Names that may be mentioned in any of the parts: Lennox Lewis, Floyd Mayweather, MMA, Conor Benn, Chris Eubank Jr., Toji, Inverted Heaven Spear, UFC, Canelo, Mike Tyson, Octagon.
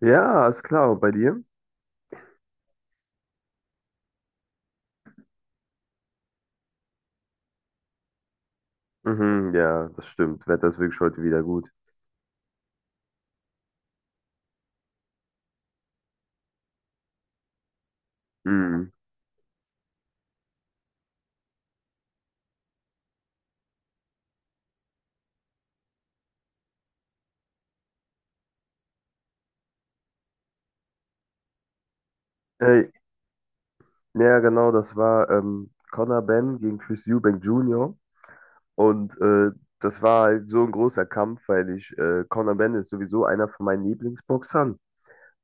Ja, ist klar. Und bei dir? Mhm, ja, das stimmt. Wetter ist wirklich heute wieder gut. Mhm. Ey, ja, genau, das war Conor Benn gegen Chris Eubank Jr. Und äh, Das war halt so ein großer Kampf, weil Conor Benn ist sowieso einer von meinen Lieblingsboxern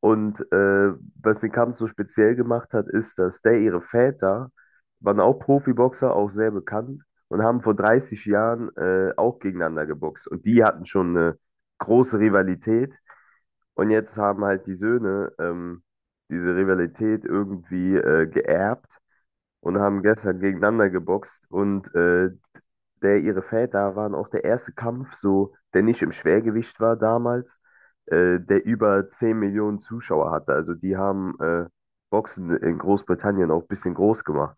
Und äh, Was den Kampf so speziell gemacht hat, ist, dass der ihre Väter waren auch Profiboxer auch sehr bekannt, und haben vor 30 Jahren auch gegeneinander geboxt Und die hatten schon eine große Rivalität. Und jetzt haben halt die Söhne diese Rivalität irgendwie geerbt und haben gestern gegeneinander geboxt. Ihre Väter waren auch der erste Kampf, so, der nicht im Schwergewicht war damals, der über 10 Millionen Zuschauer hatte. Also die haben Boxen in Großbritannien auch ein bisschen groß gemacht.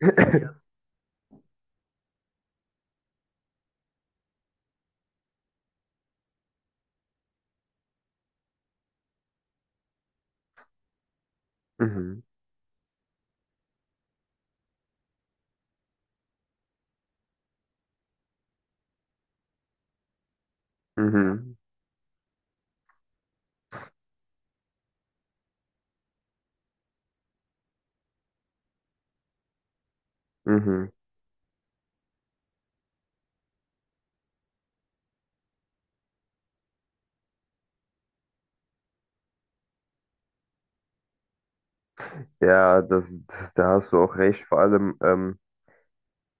Mhm, mhm, mhm. Ja, da hast du auch recht. Vor allem,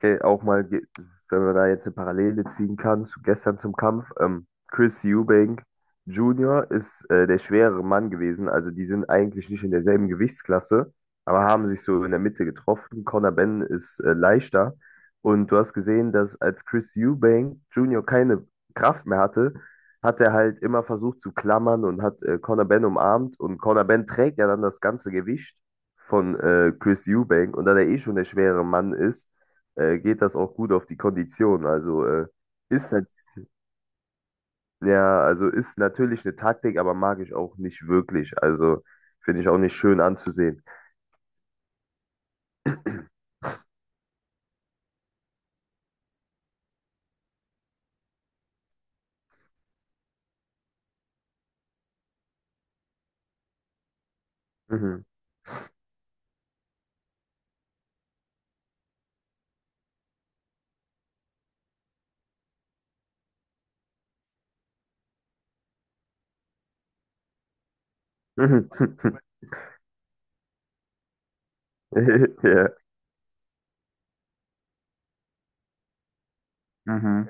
ge- auch mal, ge- wenn man da jetzt eine Parallele ziehen kann zu gestern zum Kampf: Chris Eubank Jr. ist der schwerere Mann gewesen. Also die sind eigentlich nicht in derselben Gewichtsklasse, aber haben sich so in der Mitte getroffen. Conor Benn ist leichter. Und du hast gesehen, dass, als Chris Eubank Jr. keine Kraft mehr hatte, hat er halt immer versucht zu klammern und hat Conor Benn umarmt Und Conor Benn trägt ja dann das ganze Gewicht von Chris Eubank. Und da der eh schon der schwere Mann ist, geht das auch gut auf die Kondition. Ist nat- ja, also ist natürlich eine Taktik, aber mag ich auch nicht wirklich. Also finde ich auch nicht schön anzusehen. Mhm. Ja. Mhm.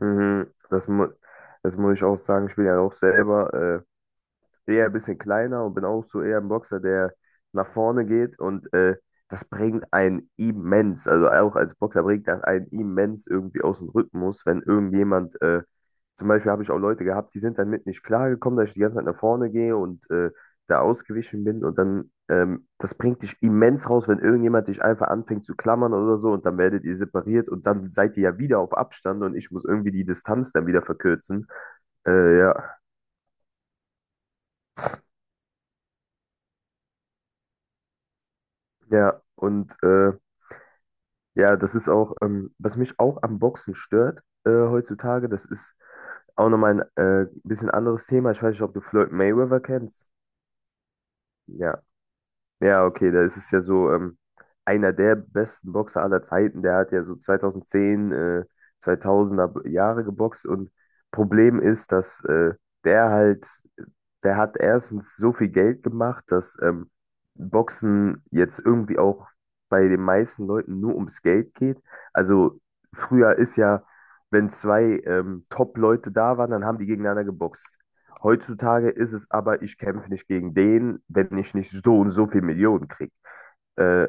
Mhm. Das muss ich auch sagen, ich bin ja auch selber eher ein bisschen kleiner und bin auch so eher ein Boxer, der nach vorne geht, und das bringt einen immens, also auch als Boxer bringt das einen immens irgendwie aus dem Rhythmus, wenn zum Beispiel, habe ich auch Leute gehabt, die sind dann mit nicht klargekommen, dass ich die ganze Zeit nach vorne gehe und da ausgewichen bin, und dann, das bringt dich immens raus, wenn irgendjemand dich einfach anfängt zu klammern oder so, und dann werdet ihr separiert und dann seid ihr ja wieder auf Abstand und ich muss irgendwie die Distanz dann wieder verkürzen. Äh, ja, ja, und äh, Ja, das ist auch, was mich auch am Boxen stört heutzutage, das ist auch nochmal ein bisschen anderes Thema. Ich weiß nicht, ob du Floyd Mayweather kennst. Ja, ja, okay, da ist es ja so, einer der besten Boxer aller Zeiten, der hat ja so 2010 2000 Jahre geboxt, und Problem ist, dass der halt, der hat erstens so viel Geld gemacht, dass Boxen jetzt irgendwie auch bei den meisten Leuten nur ums Geld geht. Also früher ist ja, wenn zwei Top-Leute da waren, dann haben die gegeneinander geboxt. Heutzutage ist es aber, ich kämpfe nicht gegen den, wenn ich nicht so und so viel Millionen kriege. Äh,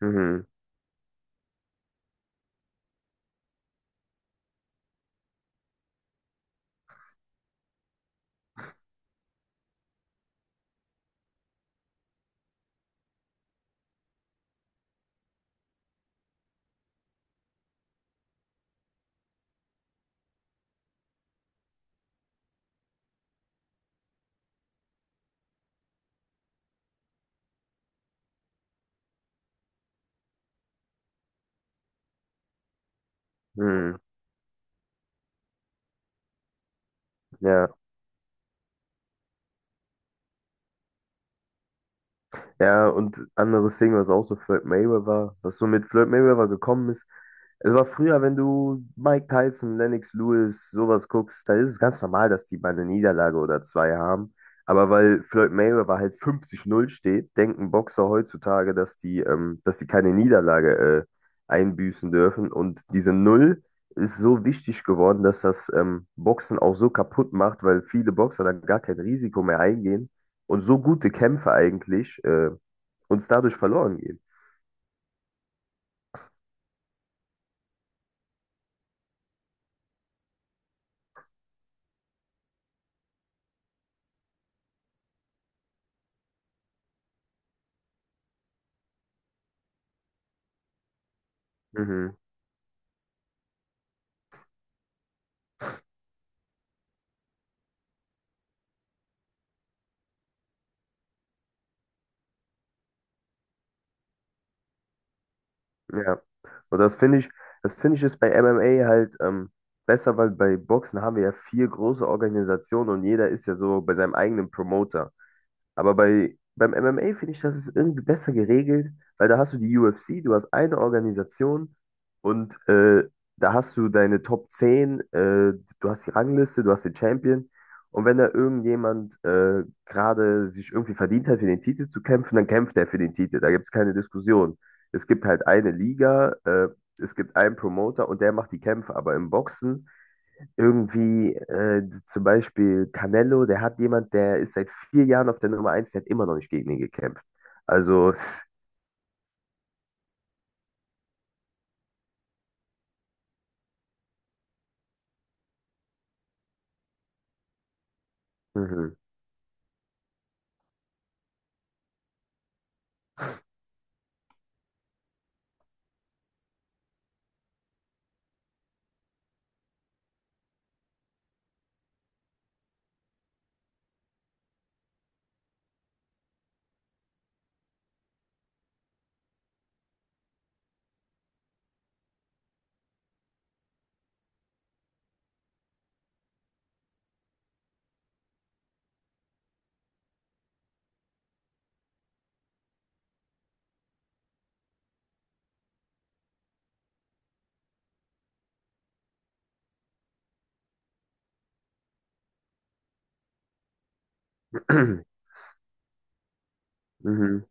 mhm, mhm, ja. Ja, und anderes Ding, was so mit Floyd Mayweather gekommen ist. Es war früher, wenn du Mike Tyson, Lennox Lewis, sowas guckst, da ist es ganz normal, dass die mal eine Niederlage oder zwei haben. Aber weil Floyd Mayweather halt 50-0 steht, denken Boxer heutzutage, dass die keine Niederlage einbüßen dürfen. Und diese Null ist so wichtig geworden, dass das Boxen auch so kaputt macht, weil viele Boxer dann gar kein Risiko mehr eingehen und so gute Kämpfe eigentlich uns dadurch verloren gehen. Mhm, ja. Und das finde ich ist bei MMA halt besser, weil bei Boxen haben wir ja 4 große Organisationen und jeder ist ja so bei seinem eigenen Promoter. Beim MMA finde ich, das ist irgendwie besser geregelt, weil da hast du die UFC, du hast eine Organisation, und da hast du deine Top 10, du hast die Rangliste, du hast den Champion. Und wenn da irgendjemand gerade sich irgendwie verdient hat, für den Titel zu kämpfen, dann kämpft er für den Titel. Da gibt es keine Diskussion. Es gibt halt eine Liga, es gibt einen Promoter und der macht die Kämpfe. Aber im Boxen, irgendwie, zum Beispiel Canelo, der hat jemand, der ist seit 4 Jahren auf der Nummer eins, der hat immer noch nicht gegen ihn gekämpft. Also, mhm, mhm,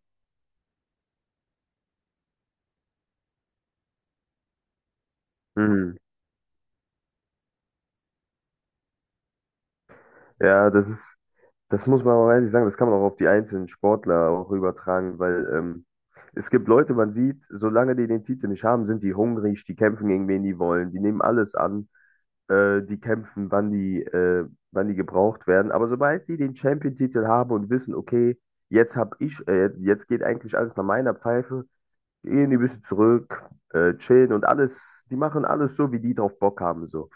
mhm. Ja, das muss man auch ehrlich sagen, das kann man auch auf die einzelnen Sportler auch übertragen, weil es gibt Leute, man sieht, solange die den Titel nicht haben, sind die hungrig, die kämpfen gegen wen die wollen, die nehmen alles an. Die kämpfen, wann die gebraucht werden. Aber sobald die den Champion-Titel haben und wissen, okay, jetzt geht eigentlich alles nach meiner Pfeife, gehen die ein bisschen zurück, chillen und alles, die machen alles so, wie die drauf Bock haben, so.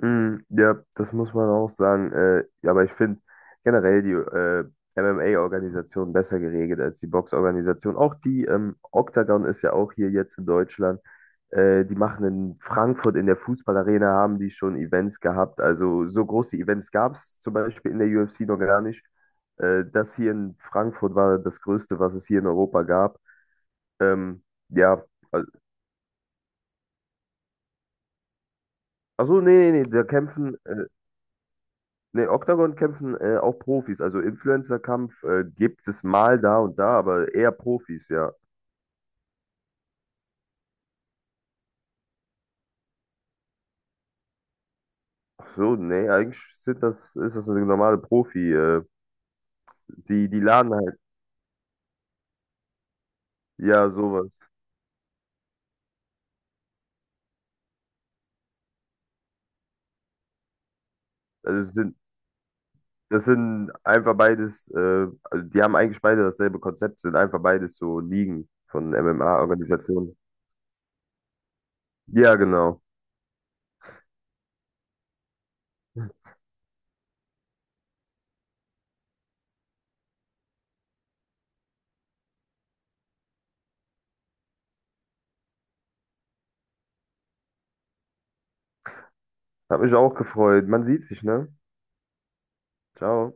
Mm, ja, das muss man auch sagen. Ja, aber ich finde generell die MMA-Organisation besser geregelt als die Box-Organisation. Auch die Octagon ist ja auch hier jetzt in Deutschland. Die machen in Frankfurt in der Fußballarena, haben die schon Events gehabt. Also so große Events gab es zum Beispiel in der UFC noch gar nicht. Das hier in Frankfurt war das Größte, was es hier in Europa gab. Ähm, ja, also nee, nee, nee, da kämpfen. Nee, Octagon, kämpfen auch Profis. Also Influencer-Kampf gibt es mal da und da, aber eher Profis, ja. Ach so, nee, eigentlich sind das, ist das eine normale Profi. Die laden halt, ja, sowas. Also es sind, Das sind einfach beides, also die haben eigentlich beide dasselbe Konzept, sind einfach beides so Ligen von MMA-Organisationen. Ja, genau. Hat mich auch gefreut. Man sieht sich, ne? Ciao.